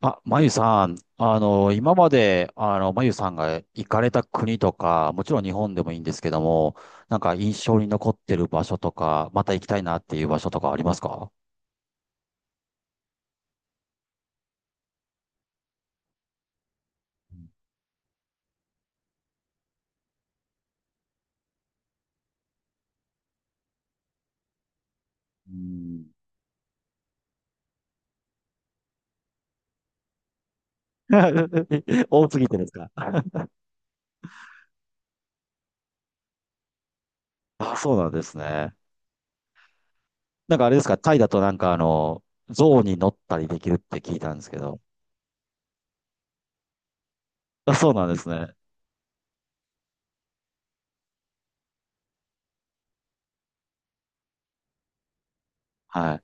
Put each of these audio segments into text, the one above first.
あ、まゆさん、今まで、まゆさんが行かれた国とか、もちろん日本でもいいんですけども、なんか印象に残ってる場所とか、また行きたいなっていう場所とかありますか？うん。多すぎてですか？あ、そうなんですね。なんかあれですか、タイだとなんか象に乗ったりできるって聞いたんですけど。あ、そうなんですね。はい。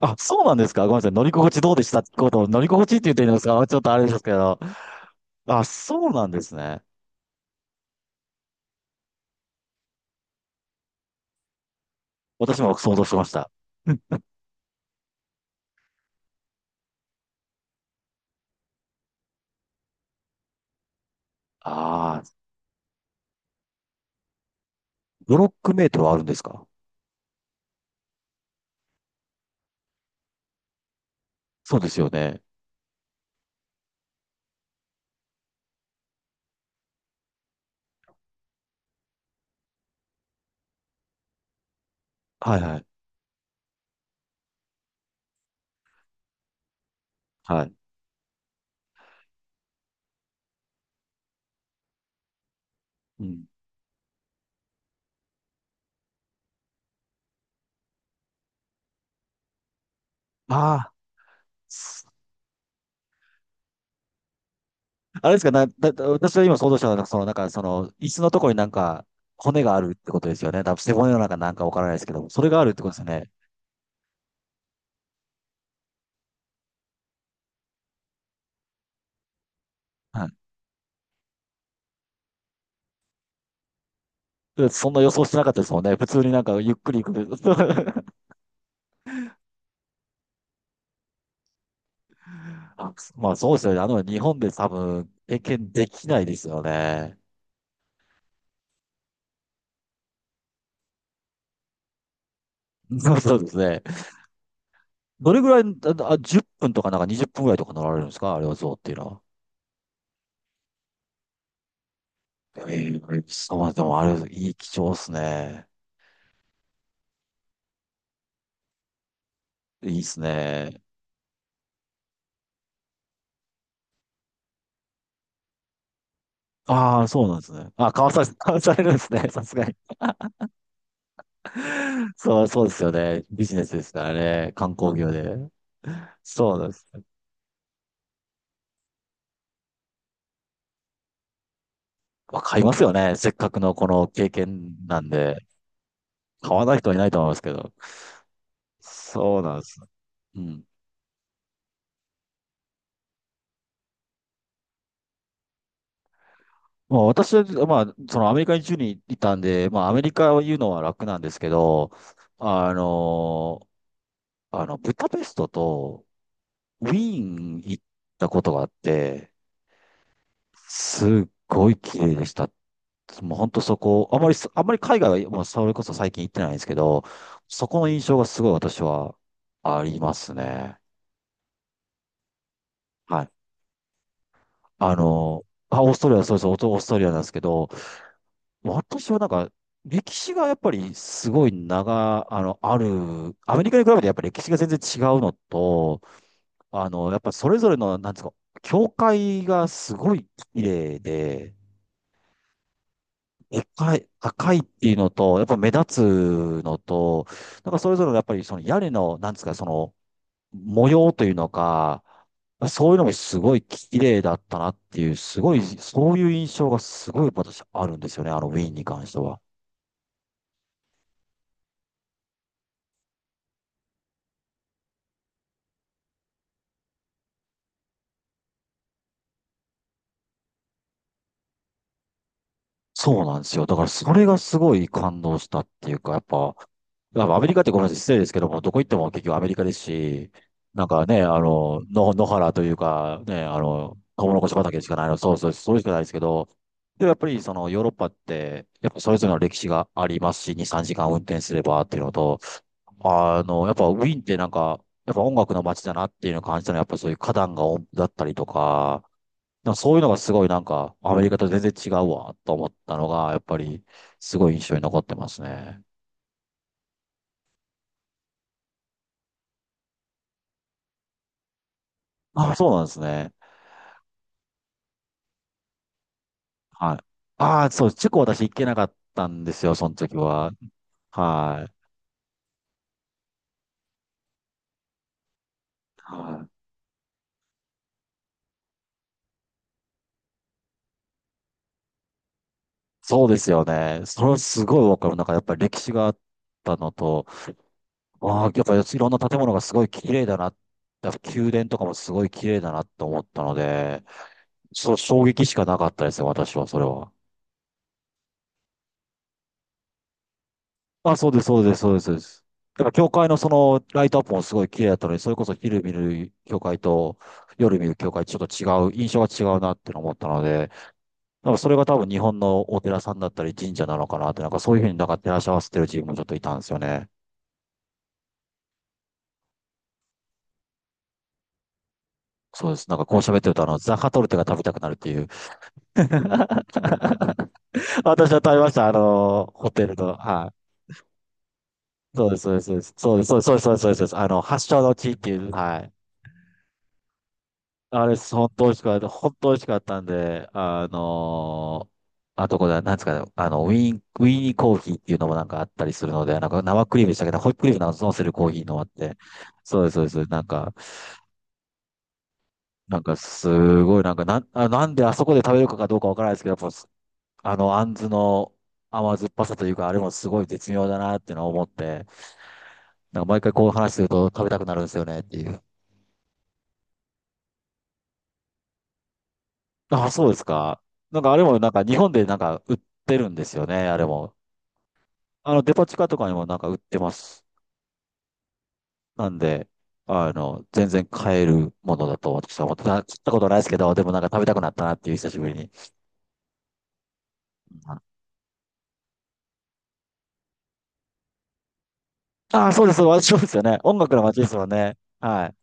あ、そうなんですか、ごめんなさい。乗り心地どうでしたってことを、乗り心地って言っていいんですか、ちょっとあれですけど。あ、そうなんですね。私も想像しました。うん。ああ、ブロックメイトはあるんですか？そうですよね。はいはい。はい。うん。ああ、すあれですか、な、だ、だ私は今想像したのは、その、なんか、その、椅子のところになんか、骨があるってことですよね。多分背骨の中なんかわからないですけど、それがあるってことですよね。はい。そんな予想してなかったですもんね。普通になんかゆっくり行く。あ、まあそうですよね。日本で多分経験できないですよね。そう、そうですね。どれぐらい、あ、あ10分とかなんか20分ぐらいとか乗られるんですか、あれは象っていうのは。ええ、そう、でもあれ、いい、貴重っすね。いいっすね。ああ、そうなんですね。あ、買わされ、買わされるんですね。さすがに。そう、そうですよね。ビジネスですからね。観光業で。そうなんです。まあ買いますよね。せっかくのこの経験なんで。買わない人はいないと思いますけど。そうなんです。うん。まあ、私は、まあ、そのアメリカに10いたんで、まあ、アメリカを言うのは楽なんですけど、あの、ブダペストとウィーン行ったことがあって、すっごい綺麗でした。もう本当そこ、あまり、あまり海外は、もうそれこそ最近行ってないんですけど、そこの印象がすごい私はありますね。はい。あの、あ、オーストラリア、そうです、オーストラリアなんですけど、私はなんか、歴史がやっぱりすごい長、あの、ある、アメリカに比べてやっぱり歴史が全然違うのと、やっぱそれぞれの、なんですか、教会がすごい綺麗で、でかい、高いっていうのと、やっぱ目立つのと、なんかそれぞれのやっぱりその屋根の、なんですか、その模様というのか、そういうのもすごい綺麗だったなっていう、すごい、そういう印象がすごい私あるんですよね、あのウィーンに関しては。そうなんですよ。だからそれがすごい感動したっていうか、やっぱ、やっぱアメリカってごめんなさい、失礼ですけども、どこ行っても結局アメリカですし、なんかね、の野原というか、ね、トウモロコシ畑しかないの、そうそう、そうしかないですけど、でもやっぱりそのヨーロッパって、やっぱそれぞれの歴史がありますし、2、3時間運転すればっていうのと、やっぱウィーンってなんか、やっぱ音楽の街だなっていうのを感じたのは、やっぱそういう花壇が多だったりとか、なんかそういうのがすごいなんか、アメリカと全然違うわ、と思ったのが、やっぱり、すごい印象に残ってますね。あ、そうなんですね。はい。ああ、そう、チェコ私行けなかったんですよ、その時は。はい。はい。そうですよね。それはすごいわかる。なんかやっぱり歴史があったのと、ああ、やっぱりいろんな建物がすごい綺麗だな。やっぱ宮殿とかもすごい綺麗だなと思ったので、そう、衝撃しかなかったですよ、私は、それは。あ、そうです、そうです、そうです、そうです。だから教会のそのライトアップもすごい綺麗だったので、それこそ昼見る教会と夜見る教会ちょっと違う、印象が違うなってのを思ったので、なんかそれが多分日本のお寺さんだったり神社なのかなって、なんかそういうふうになんか照らし合わせてる自分もちょっといたんですよね。そうです。なんかこう喋ってると、ザカトルテが食べたくなるっていう。私は食べました、ホテルの。はい。そうです、そうです、そうです、そうです、そうです、そうです、そうです、そうです、発祥の地っていう、はい。あれ、本当美味しかった。本当美味しかったんで、あとこれは、なんですかね、ウィーニーコーヒーっていうのもなんかあったりするので、なんか生クリームでしたけど、ホイップクリームなんか乗せるコーヒーのもあって、そうです、そうです。なんか、なんかすごい、なんかなん、あ、なんであそこで食べるかどうかわからないですけど、やっぱあんずの甘酸っぱさというか、あれもすごい絶妙だなっていうのを思って、なんか毎回こう話すると食べたくなるんですよねっていう。あ、そうですか。なんかあれもなんか日本でなんか売ってるんですよね、あれも。デパ地下とかにもなんか売ってます。なんで、全然買えるものだと私は思ってた。食ったことないですけど、でもなんか食べたくなったなっていう久しぶりに。ああ、そうです。私そうですよね。音楽の街ですよね。はい。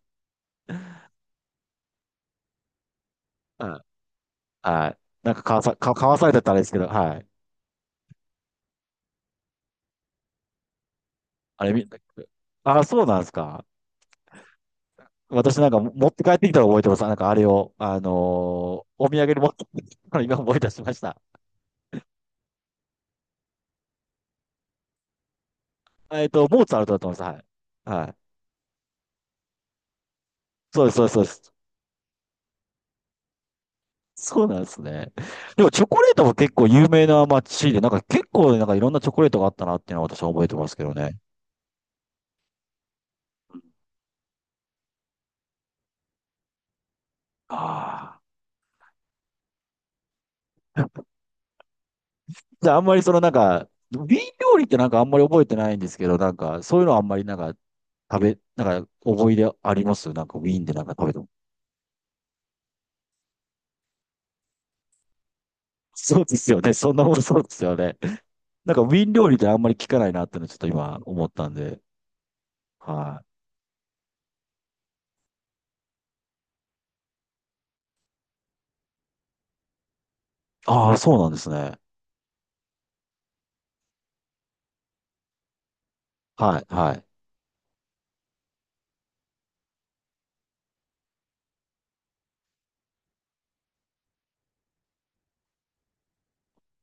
はい。はい。かわされてたらあれですけど、はい。あれみ、ああ、そうなんですか。私なんかも持って帰ってきたら覚えてます。なんかあれを、お土産に持って帰ってきたの 今思い出しました。えっと、モーツァルトだと思います。はい。はい。そうです、そうです、そうです。そうなんですね。でもチョコレートも結構有名な街で、なんか結構なんかいろんなチョコレートがあったなっていうのは私は覚えてますけどね。ああ。じゃああんまりそのなんか、瓶料理ってなんかあんまり覚えてないんですけど、なんかそういうのあんまりなんか食べ、なんか思い出ありますなんかウィーンでなんか食べても。そうですよね。そんなもんそうですよね。なんかウィーン料理ってあんまり聞かないなっていうのちょっと今思ったんで。はい。ああ、そうなんですね。はい、はい。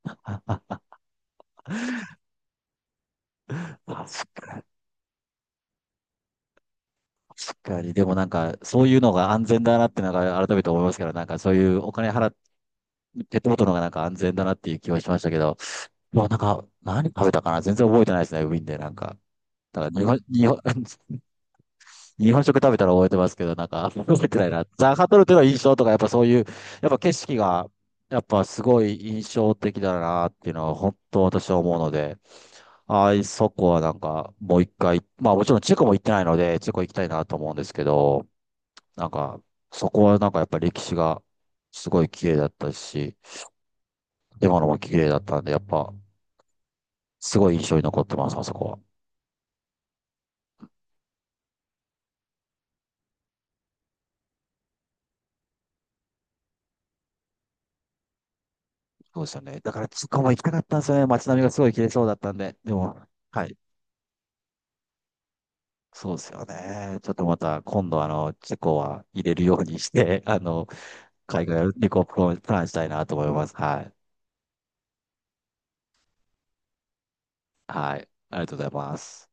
あ、あそっか。確かに、でもなんか、そういうのが安全だなってなんか改めて思いますから、なんかそういうお金払って、ペットボトルの方がなんか安全だなっていう気はしましたけど、まあなんか、何食べたかな、全然覚えてないですね、ウィーンでなんか。だから日本、日本、日本食食べたら覚えてますけど、なんか覚えてないな。ザガトルテの印象とか、やっぱそういう、やっぱ景色が、やっぱすごい印象的だなっていうのは本当私は思うので、ああ、そこはなんかもう一回、まあもちろんチェコも行ってないので、チェコ行きたいなと思うんですけど、なんか、そこはなんかやっぱ歴史がすごい綺麗だったし、今のも綺麗だったんで、やっぱすごい印象に残ってます、あそこは。そうですよね。だから、そこも行きたかったんですよね。街並みがすごい綺麗そうだったんで。でも、はい。そうですよね。ちょっとまた、今度チェコは入れるようにして、海外旅行をプランしたいなと思います。はい。はい。ありがとうございます。